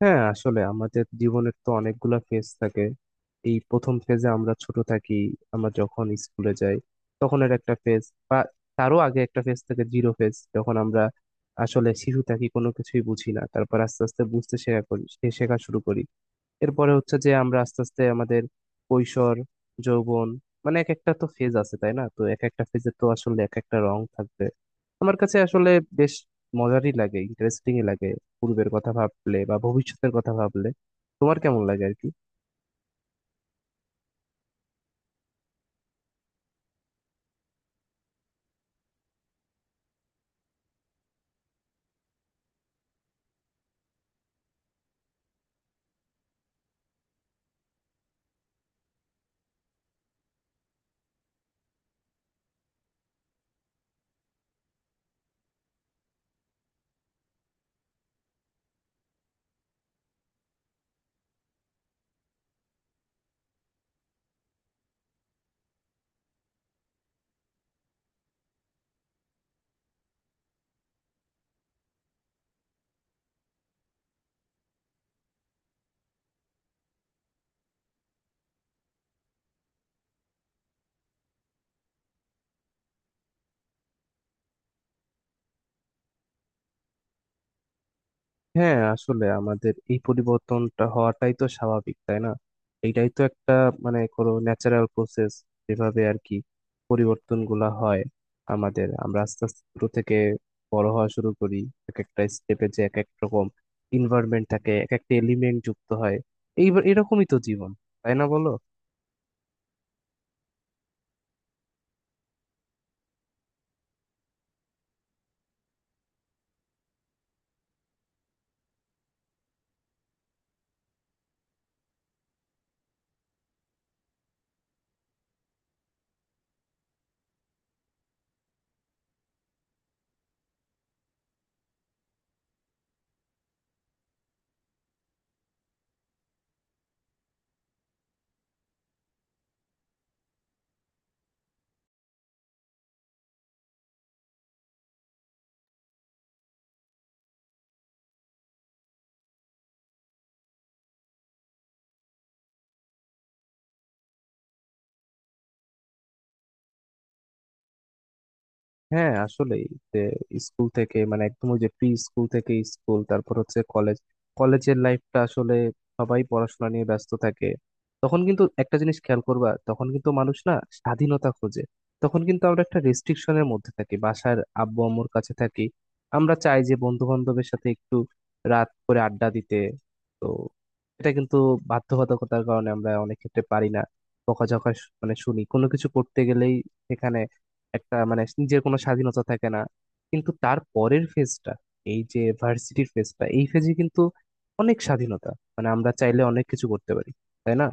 হ্যাঁ আসলে আমাদের জীবনের তো অনেকগুলা ফেজ থাকে। এই প্রথম ফেজে আমরা ছোট থাকি, আমরা যখন স্কুলে যাই তখন এর একটা ফেজ। বা তারও আগে একটা ফেজ থাকে জিরো ফেজ, যখন আমরা আসলে শিশু থাকি কোনো কিছুই বুঝি না, তারপর আস্তে আস্তে বুঝতে শেখা করি, শেখা শুরু করি। এরপরে হচ্ছে যে আমরা আস্তে আস্তে আমাদের কৈশোর, যৌবন, মানে এক একটা তো ফেজ আছে, তাই না? তো এক একটা ফেজে তো আসলে এক একটা রং থাকবে। আমার কাছে আসলে বেশ মজারই লাগে, ইন্টারেস্টিংই লাগে পূর্বের কথা ভাবলে বা ভবিষ্যতের কথা ভাবলে। তোমার কেমন লাগে আর কি? হ্যাঁ আসলে আমাদের এই পরিবর্তনটা হওয়াটাই তো স্বাভাবিক, তাই না? এইটাই তো একটা মানে কোনো ন্যাচারাল প্রসেস, যেভাবে আর কি পরিবর্তন গুলা হয়। আমাদের, আমরা আস্তে আস্তে ছোট থেকে বড় হওয়া শুরু করি, এক একটা স্টেপে যে এক এক রকম ইনভায়রনমেন্ট থাকে, এক একটা এলিমেন্ট যুক্ত হয়। এইবার এরকমই তো জীবন, তাই না বলো? হ্যাঁ আসলেই, যে স্কুল থেকে মানে একদম ওই যে প্রি স্কুল থেকে স্কুল, তারপর হচ্ছে কলেজ। কলেজের লাইফটা আসলে সবাই পড়াশোনা নিয়ে ব্যস্ত থাকে। তখন কিন্তু একটা জিনিস খেয়াল করবা, তখন কিন্তু মানুষ না স্বাধীনতা খোঁজে। তখন কিন্তু আমরা একটা রেস্ট্রিকশনের মধ্যে থাকি, বাসার আব্বু আম্মুর কাছে থাকি। আমরা চাই যে বন্ধু বান্ধবের সাথে একটু রাত করে আড্ডা দিতে, তো এটা কিন্তু বাধ্যবাধকতার কারণে আমরা অনেক ক্ষেত্রে পারি না। বকাঝকা মানে শুনি কোনো কিছু করতে গেলেই। সেখানে একটা মানে নিজের কোনো স্বাধীনতা থাকে না। কিন্তু তার পরের ফেজটা, এই যে ভার্সিটির ফেজটা, এই ফেজে কিন্তু অনেক স্বাধীনতা, মানে আমরা চাইলে অনেক কিছু করতে পারি, তাই না?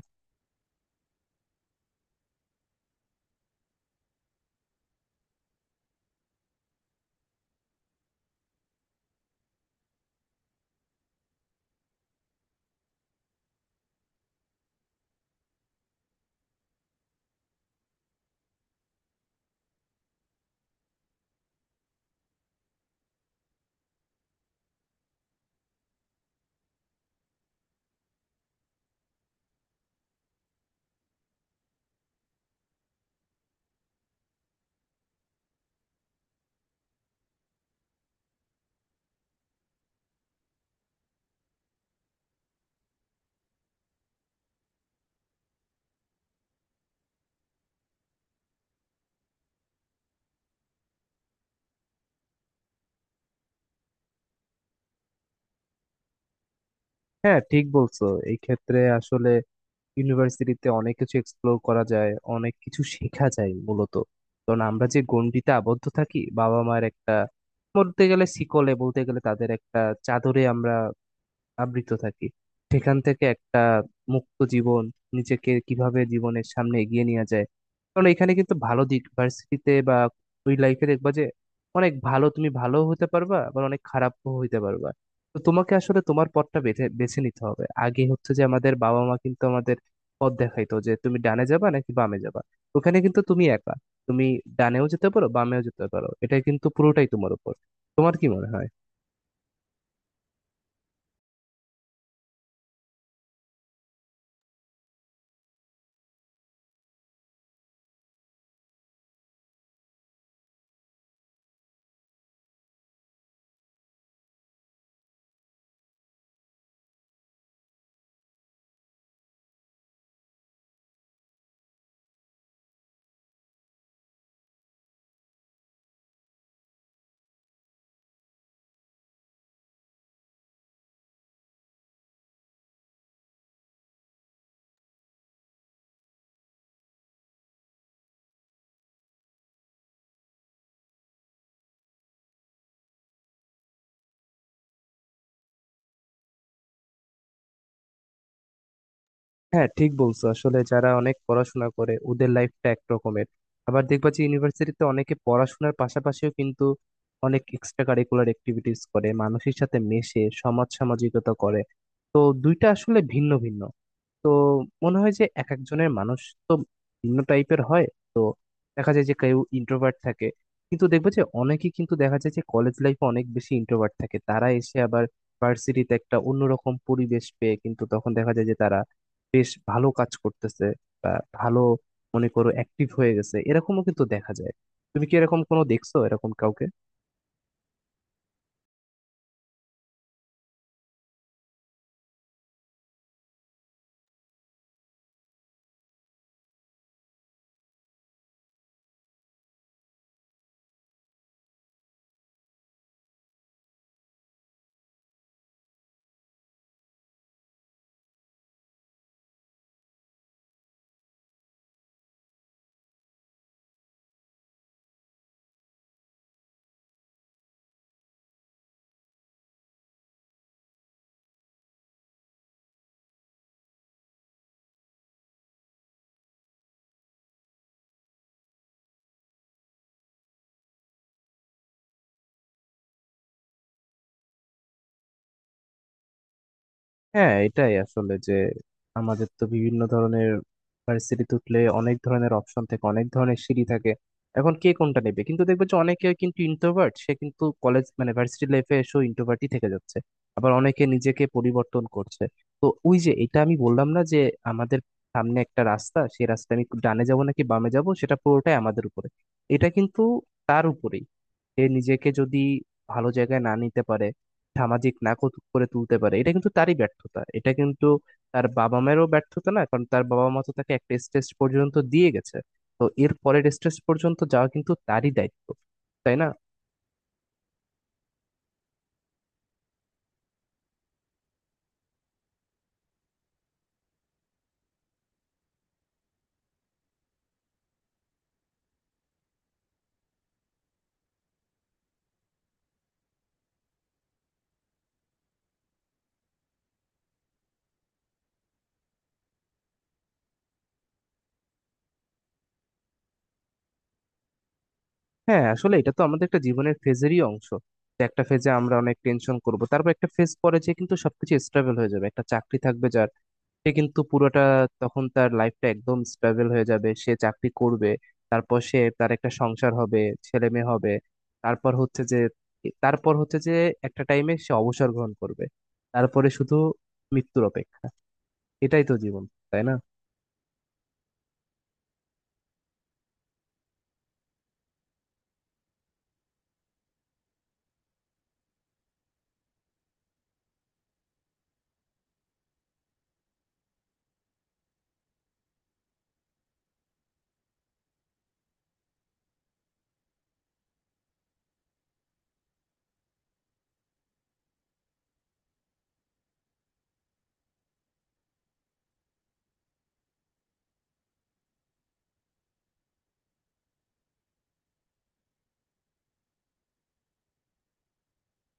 হ্যাঁ ঠিক বলছো। এই ক্ষেত্রে আসলে ইউনিভার্সিটিতে অনেক কিছু এক্সপ্লোর করা যায়, অনেক কিছু শেখা যায় মূলত, কারণ আমরা যে গণ্ডিতে আবদ্ধ থাকি বাবা মার একটা, বলতে গেলে শিকলে, বলতে গেলে তাদের একটা চাদরে আমরা আবৃত থাকি, সেখান থেকে একটা মুক্ত জীবন, নিজেকে কিভাবে জীবনের সামনে এগিয়ে নিয়ে যায়। কারণ এখানে কিন্তু ভালো দিক ভার্সিটিতে বা ওই লাইফে দেখবা যে অনেক ভালো তুমি ভালো হতে পারবা, আবার অনেক খারাপও হইতে পারবা। তো তোমাকে আসলে তোমার পথটা বেছে বেছে নিতে হবে। আগে হচ্ছে যে আমাদের বাবা মা কিন্তু আমাদের পথ দেখাইতো, যে তুমি ডানে যাবা নাকি বামে যাবা। ওখানে কিন্তু তুমি একা, তুমি ডানেও যেতে পারো, বামেও যেতে পারো, এটা কিন্তু পুরোটাই তোমার উপর। তোমার কি মনে হয়? হ্যাঁ ঠিক বলছো, আসলে যারা অনেক পড়াশোনা করে ওদের লাইফটা একরকমের। আবার দেখবা যে ইউনিভার্সিটিতে অনেকে পড়াশোনার পাশাপাশিও কিন্তু অনেক এক্সট্রা কারিকুলার অ্যাক্টিভিটিস করে, মানুষের সাথে মেশে, সমাজ সামাজিকতা করে। তো দুইটা আসলে ভিন্ন ভিন্ন। তো মনে হয় যে এক একজনের মানুষ তো ভিন্ন টাইপের হয়। দেখা যায় যে কেউ ইন্ট্রোভার্ট থাকে, কিন্তু দেখবে যে অনেকেই কিন্তু দেখা যায় যে কলেজ লাইফে অনেক বেশি ইন্ট্রোভার্ট থাকে, তারা এসে আবার ভার্সিটিতে একটা অন্যরকম পরিবেশ পেয়ে কিন্তু তখন দেখা যায় যে তারা বেশ ভালো কাজ করতেছে, বা ভালো, মনে করো অ্যাক্টিভ হয়ে গেছে, এরকমও কিন্তু দেখা যায়। তুমি কি এরকম কোনো দেখছো, এরকম কাউকে? হ্যাঁ এটাই আসলে যে আমাদের তো বিভিন্ন ধরনের, ভার্সিটিতে উঠলে অনেক ধরনের অপশন থাকে, অনেক ধরনের সিঁড়ি থাকে। এখন কে কোনটা নেবে, কিন্তু দেখবে যে অনেকে কিন্তু ইন্ট্রোভার্ট, সে কিন্তু কলেজ মানে ভার্সিটি লাইফে এসেও ইন্ট্রোভার্টই থেকে যাচ্ছে। আবার অনেকে নিজেকে পরিবর্তন করছে। তো ওই যে এটা আমি বললাম না যে আমাদের সামনে একটা রাস্তা, সেই রাস্তা আমি ডানে যাব নাকি বামে যাব সেটা পুরোটাই আমাদের উপরে। এটা কিন্তু তার উপরেই, সে নিজেকে যদি ভালো জায়গায় না নিতে পারে, সামাজিক না করে তুলতে পারে, এটা কিন্তু তারই ব্যর্থতা, এটা কিন্তু তার বাবা মায়েরও ব্যর্থতা না, কারণ তার বাবা মা তো তাকে একটা স্টেজ পর্যন্ত দিয়ে গেছে। তো এর পরের স্টেজ পর্যন্ত যাওয়া কিন্তু তারই দায়িত্ব, তাই না? হ্যাঁ আসলে এটা তো আমাদের একটা জীবনের ফেজেরই অংশ, যে একটা ফেজে আমরা অনেক টেনশন করব, তারপর একটা ফেজ পরে যে কিন্তু সবকিছু স্টেবল হয়ে যাবে, একটা চাকরি থাকবে যার, সে কিন্তু পুরোটা, তখন তার লাইফটা একদম স্টেবল হয়ে যাবে, সে চাকরি করবে। তারপর সে তার একটা সংসার হবে, ছেলে মেয়ে হবে, তারপর হচ্ছে যে তারপর হচ্ছে যে একটা টাইমে সে অবসর গ্রহণ করবে। তারপরে শুধু মৃত্যুর অপেক্ষা। এটাই তো জীবন, তাই না?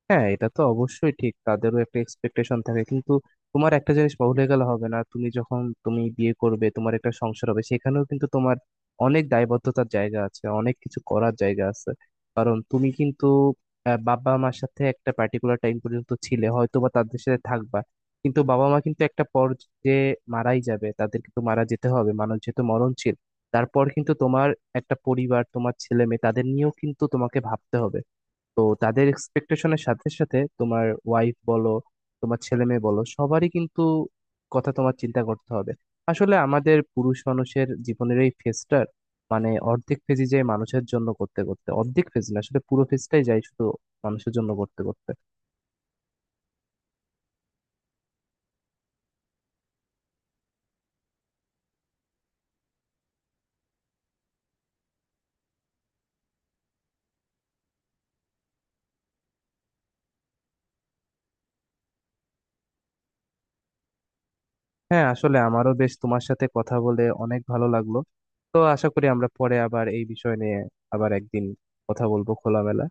হ্যাঁ এটা তো অবশ্যই ঠিক, তাদেরও একটা এক্সপেকটেশন থাকে, কিন্তু তোমার একটা জিনিস ভুলে গেলে হবে না, তুমি যখন বিয়ে করবে, তোমার একটা সংসার হবে, সেখানেও কিন্তু তোমার অনেক দায়বদ্ধতার জায়গা আছে, অনেক কিছু করার জায়গা আছে। কারণ তুমি কিন্তু বাবা মার সাথে একটা পার্টিকুলার টাইম পর্যন্ত ছিলে, হয়তো বা তাদের সাথে থাকবা, কিন্তু বাবা মা কিন্তু একটা পর্যায়ে মারাই যাবে, তাদের কিন্তু মারা যেতে হবে, মানুষ যেহেতু মরণশীল। তারপর কিন্তু তোমার একটা পরিবার, তোমার ছেলে মেয়ে, তাদের নিয়েও কিন্তু তোমাকে ভাবতে হবে। তো তাদের এক্সপেকটেশনের সাথে সাথে তোমার ওয়াইফ বলো, তোমার ছেলে মেয়ে বলো, সবারই কিন্তু কথা তোমার চিন্তা করতে হবে। আসলে আমাদের পুরুষ মানুষের জীবনের এই ফেজটার মানে অর্ধেক ফেজই যায় মানুষের জন্য করতে করতে, অর্ধেক ফেজ না আসলে পুরো ফেজটাই যায় শুধু মানুষের জন্য করতে করতে। হ্যাঁ আসলে আমারও বেশ তোমার সাথে কথা বলে অনেক ভালো লাগলো। তো আশা করি আমরা পরে আবার এই বিষয় নিয়ে, আবার একদিন কথা বলবো খোলামেলা।